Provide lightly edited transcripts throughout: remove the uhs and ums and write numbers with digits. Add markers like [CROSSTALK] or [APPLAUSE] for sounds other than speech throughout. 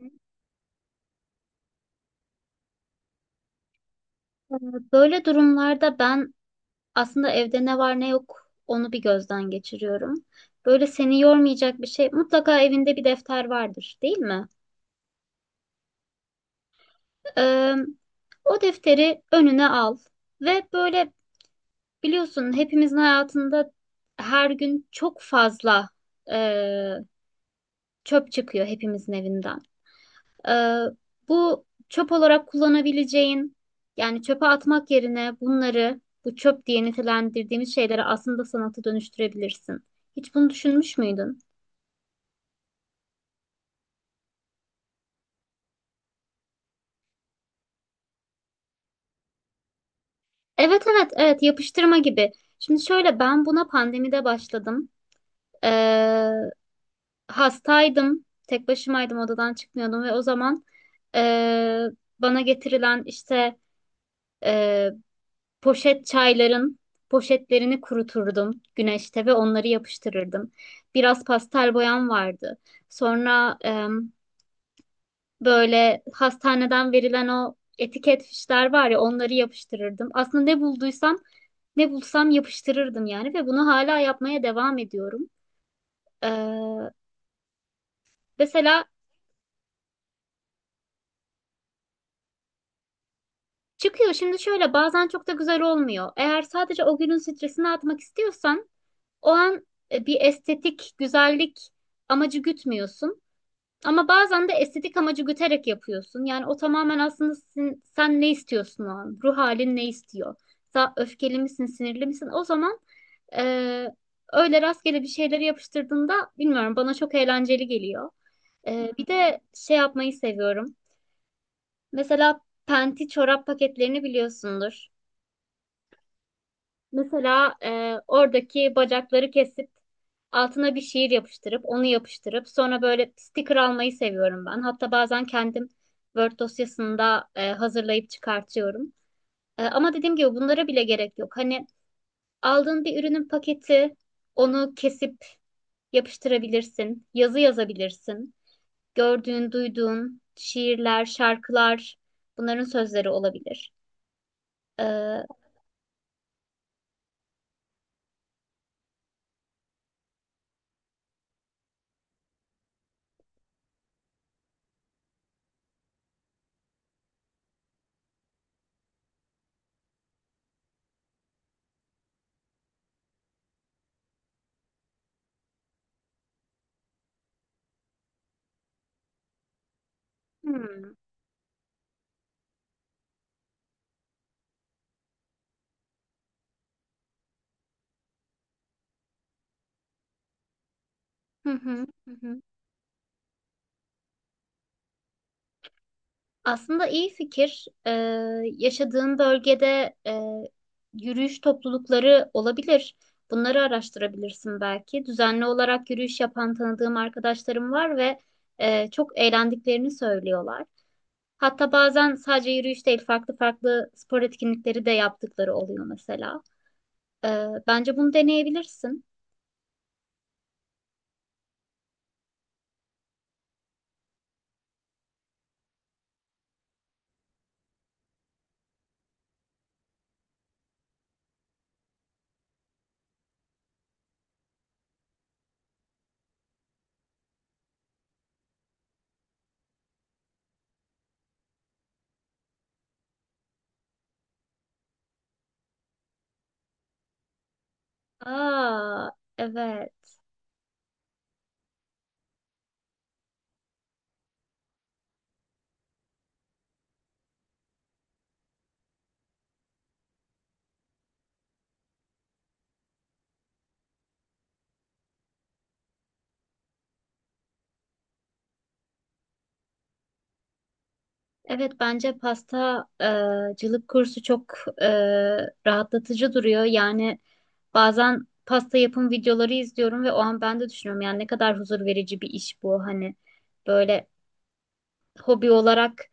Ee, Böyle durumlarda ben aslında evde ne var ne yok onu bir gözden geçiriyorum. Böyle seni yormayacak bir şey mutlaka evinde bir defter vardır, değil mi? Ee, O defteri önüne al ve böyle biliyorsun hepimizin hayatında her gün çok fazla e, çöp çıkıyor hepimizin evinden. Ee, Bu çöp olarak kullanabileceğin yani çöpe atmak yerine bunları, bu çöp diye nitelendirdiğimiz şeyleri, aslında sanata dönüştürebilirsin. Hiç bunu düşünmüş müydün? Evet, evet, evet, yapıştırma gibi. Şimdi şöyle, ben buna pandemide başladım. Ee, Hastaydım. Tek başımaydım, odadan çıkmıyordum ve o zaman ee, bana getirilen işte ee, poşet çayların poşetlerini kuruturdum güneşte ve onları yapıştırırdım. Biraz pastel boyam vardı. Sonra böyle hastaneden verilen o etiket fişler var ya, onları yapıştırırdım. Aslında ne bulduysam, ne bulsam yapıştırırdım yani, ve bunu hala yapmaya devam ediyorum. Ee, mesela çıkıyor. Şimdi şöyle, bazen çok da güzel olmuyor. Eğer sadece o günün stresini atmak istiyorsan, o an bir estetik güzellik amacı gütmüyorsun. Ama bazen de estetik amacı güterek yapıyorsun. Yani o tamamen aslında, sen ne istiyorsun o an? Ruh halin ne istiyor? Sen öfkeli misin, sinirli misin? O zaman eee, öyle rastgele bir şeyleri yapıştırdığında, bilmiyorum, bana çok eğlenceli geliyor. Bir de şey yapmayı seviyorum. Mesela penti çorap paketlerini biliyorsundur. Mesela oradaki bacakları kesip altına bir şiir yapıştırıp, onu yapıştırıp sonra böyle sticker almayı seviyorum ben. Hatta bazen kendim Word dosyasında hazırlayıp çıkartıyorum. Ama dediğim gibi bunlara bile gerek yok. Hani aldığın bir ürünün paketi, onu kesip yapıştırabilirsin, yazı yazabilirsin. Gördüğün, duyduğun şiirler, şarkılar, bunların sözleri olabilir. E, hmm. Hı hı, hı hı. Aslında iyi fikir. Yaşadığın bölgede yürüyüş toplulukları olabilir. Bunları araştırabilirsin belki. Düzenli olarak yürüyüş yapan tanıdığım arkadaşlarım var ve çok eğlendiklerini söylüyorlar. Hatta bazen sadece yürüyüş değil, farklı farklı spor etkinlikleri de yaptıkları oluyor mesela. Bence bunu deneyebilirsin. Aa, evet. Evet, bence pasta cılık kursu çok e, rahatlatıcı duruyor. Yani bazen pasta yapım videoları izliyorum ve o an ben de düşünüyorum yani ne kadar huzur verici bir iş bu. Hani böyle hobi olarak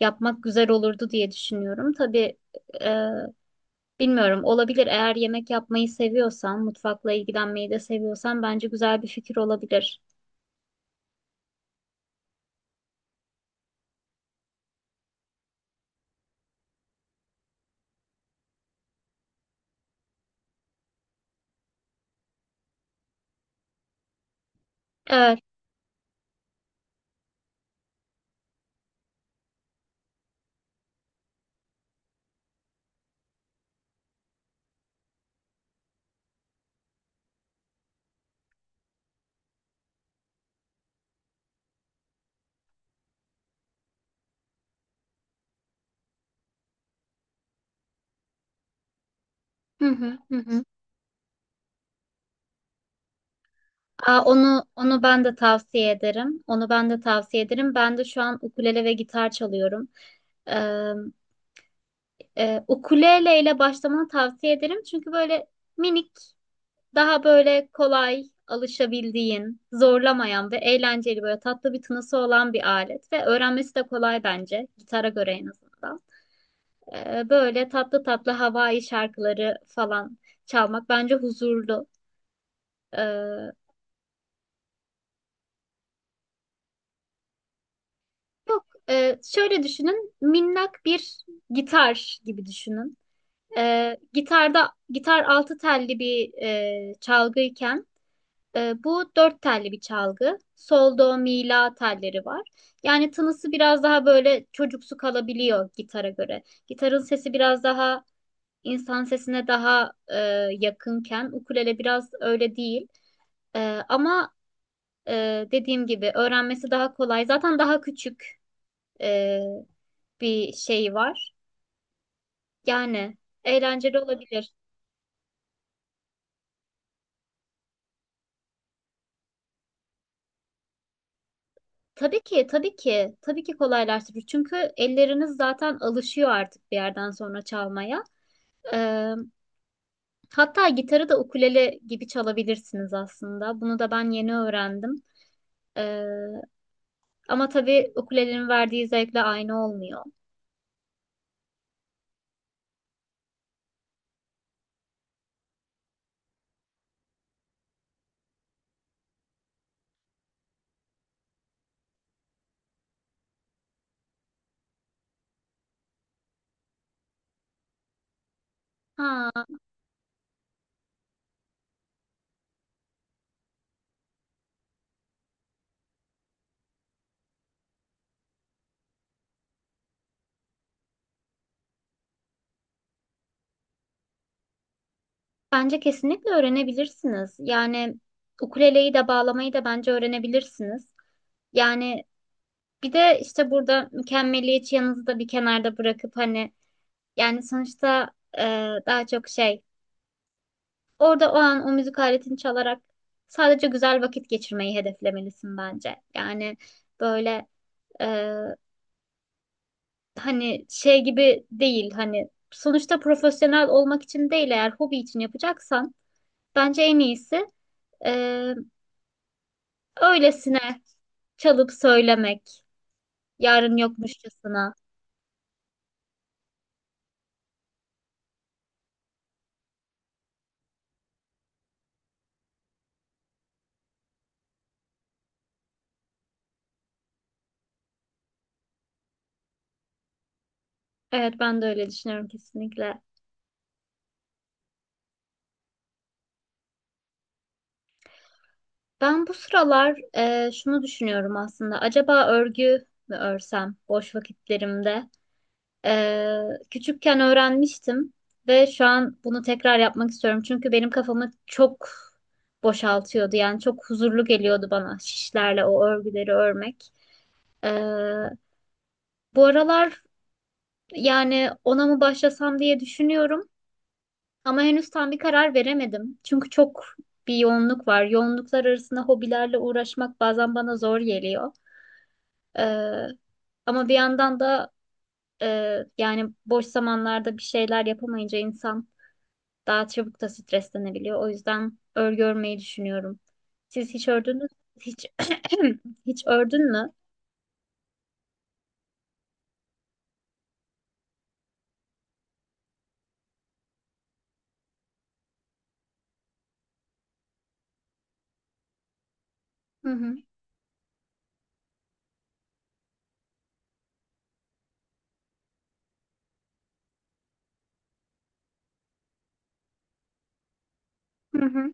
yapmak güzel olurdu diye düşünüyorum. Tabii e, bilmiyorum, olabilir. Eğer yemek yapmayı seviyorsan, mutfakla ilgilenmeyi de seviyorsan, bence güzel bir fikir olabilir. Evet. Hı hı, hı hı. Aa, onu ben de tavsiye ederim. Onu ben de tavsiye ederim. Ben de şu an ukulele ve gitar çalıyorum. Ee, Ukulele ile başlamanı tavsiye ederim. Çünkü böyle minik, daha böyle kolay alışabildiğin, zorlamayan ve eğlenceli, böyle tatlı bir tınısı olan bir alet ve öğrenmesi de kolay bence gitara göre en azından. Böyle tatlı tatlı havai şarkıları falan çalmak bence huzurlu. Ee, Yok, şöyle düşünün, minnak bir gitar gibi düşünün. Gitarda, gitar altı telli bir çalgıyken, bu dört telli bir çalgı. Sol, do, mi, la telleri var. Yani tınısı biraz daha böyle çocuksu kalabiliyor gitara göre. Gitarın sesi biraz daha insan sesine daha yakınken, ukulele biraz öyle değil. E, ama dediğim gibi öğrenmesi daha kolay. Zaten daha küçük e, bir şey var. Yani eğlenceli olabilir. Tabii ki, tabii ki, tabii ki kolaylaştırır. Çünkü elleriniz zaten alışıyor artık bir yerden sonra çalmaya. Ee, Hatta gitarı da ukulele gibi çalabilirsiniz aslında. Bunu da ben yeni öğrendim. Ee, Ama tabii ukulelenin verdiği zevkle aynı olmuyor. Ha, bence kesinlikle öğrenebilirsiniz. Yani ukuleleyi de bağlamayı da bence öğrenebilirsiniz. Yani bir de işte burada mükemmeliyetçi yanınızı da bir kenarda bırakıp, hani yani sonuçta, e, daha çok şey orada o an o müzik aletini çalarak sadece güzel vakit geçirmeyi hedeflemelisin bence. Yani böyle, e, hani şey gibi değil, hani sonuçta profesyonel olmak için değil, eğer hobi için yapacaksan bence en iyisi e, öylesine çalıp söylemek, yarın yokmuşçasına. Evet, ben de öyle düşünüyorum kesinlikle. Ben bu sıralar şunu düşünüyorum aslında, acaba örgü mü örsem boş vakitlerimde? Ee, Küçükken öğrenmiştim ve şu an bunu tekrar yapmak istiyorum. Çünkü benim kafamı çok boşaltıyordu. Yani çok huzurlu geliyordu bana şişlerle o örgüleri örmek. Ee, Bu aralar yani ona mı başlasam diye düşünüyorum. Ama henüz tam bir karar veremedim. Çünkü çok bir yoğunluk var. Yoğunluklar arasında hobilerle uğraşmak bazen bana zor geliyor. Ee, Ama bir yandan da, yani boş zamanlarda bir şeyler yapamayınca insan daha çabuk da streslenebiliyor. O yüzden örgü örmeyi düşünüyorum. Siz hiç ördünüz hiç [CLEARS THROAT] hiç ördün mü? Hı hı. Hı hı.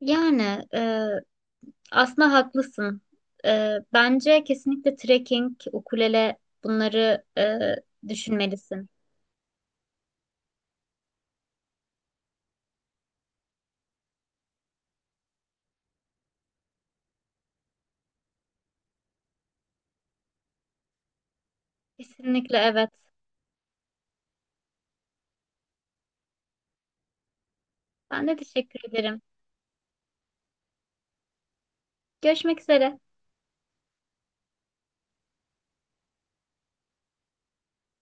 Yani aslında haklısın. Bence kesinlikle trekking, ukulele, bunları düşünmelisin. Kesinlikle evet. Ben de teşekkür ederim. Görüşmek üzere.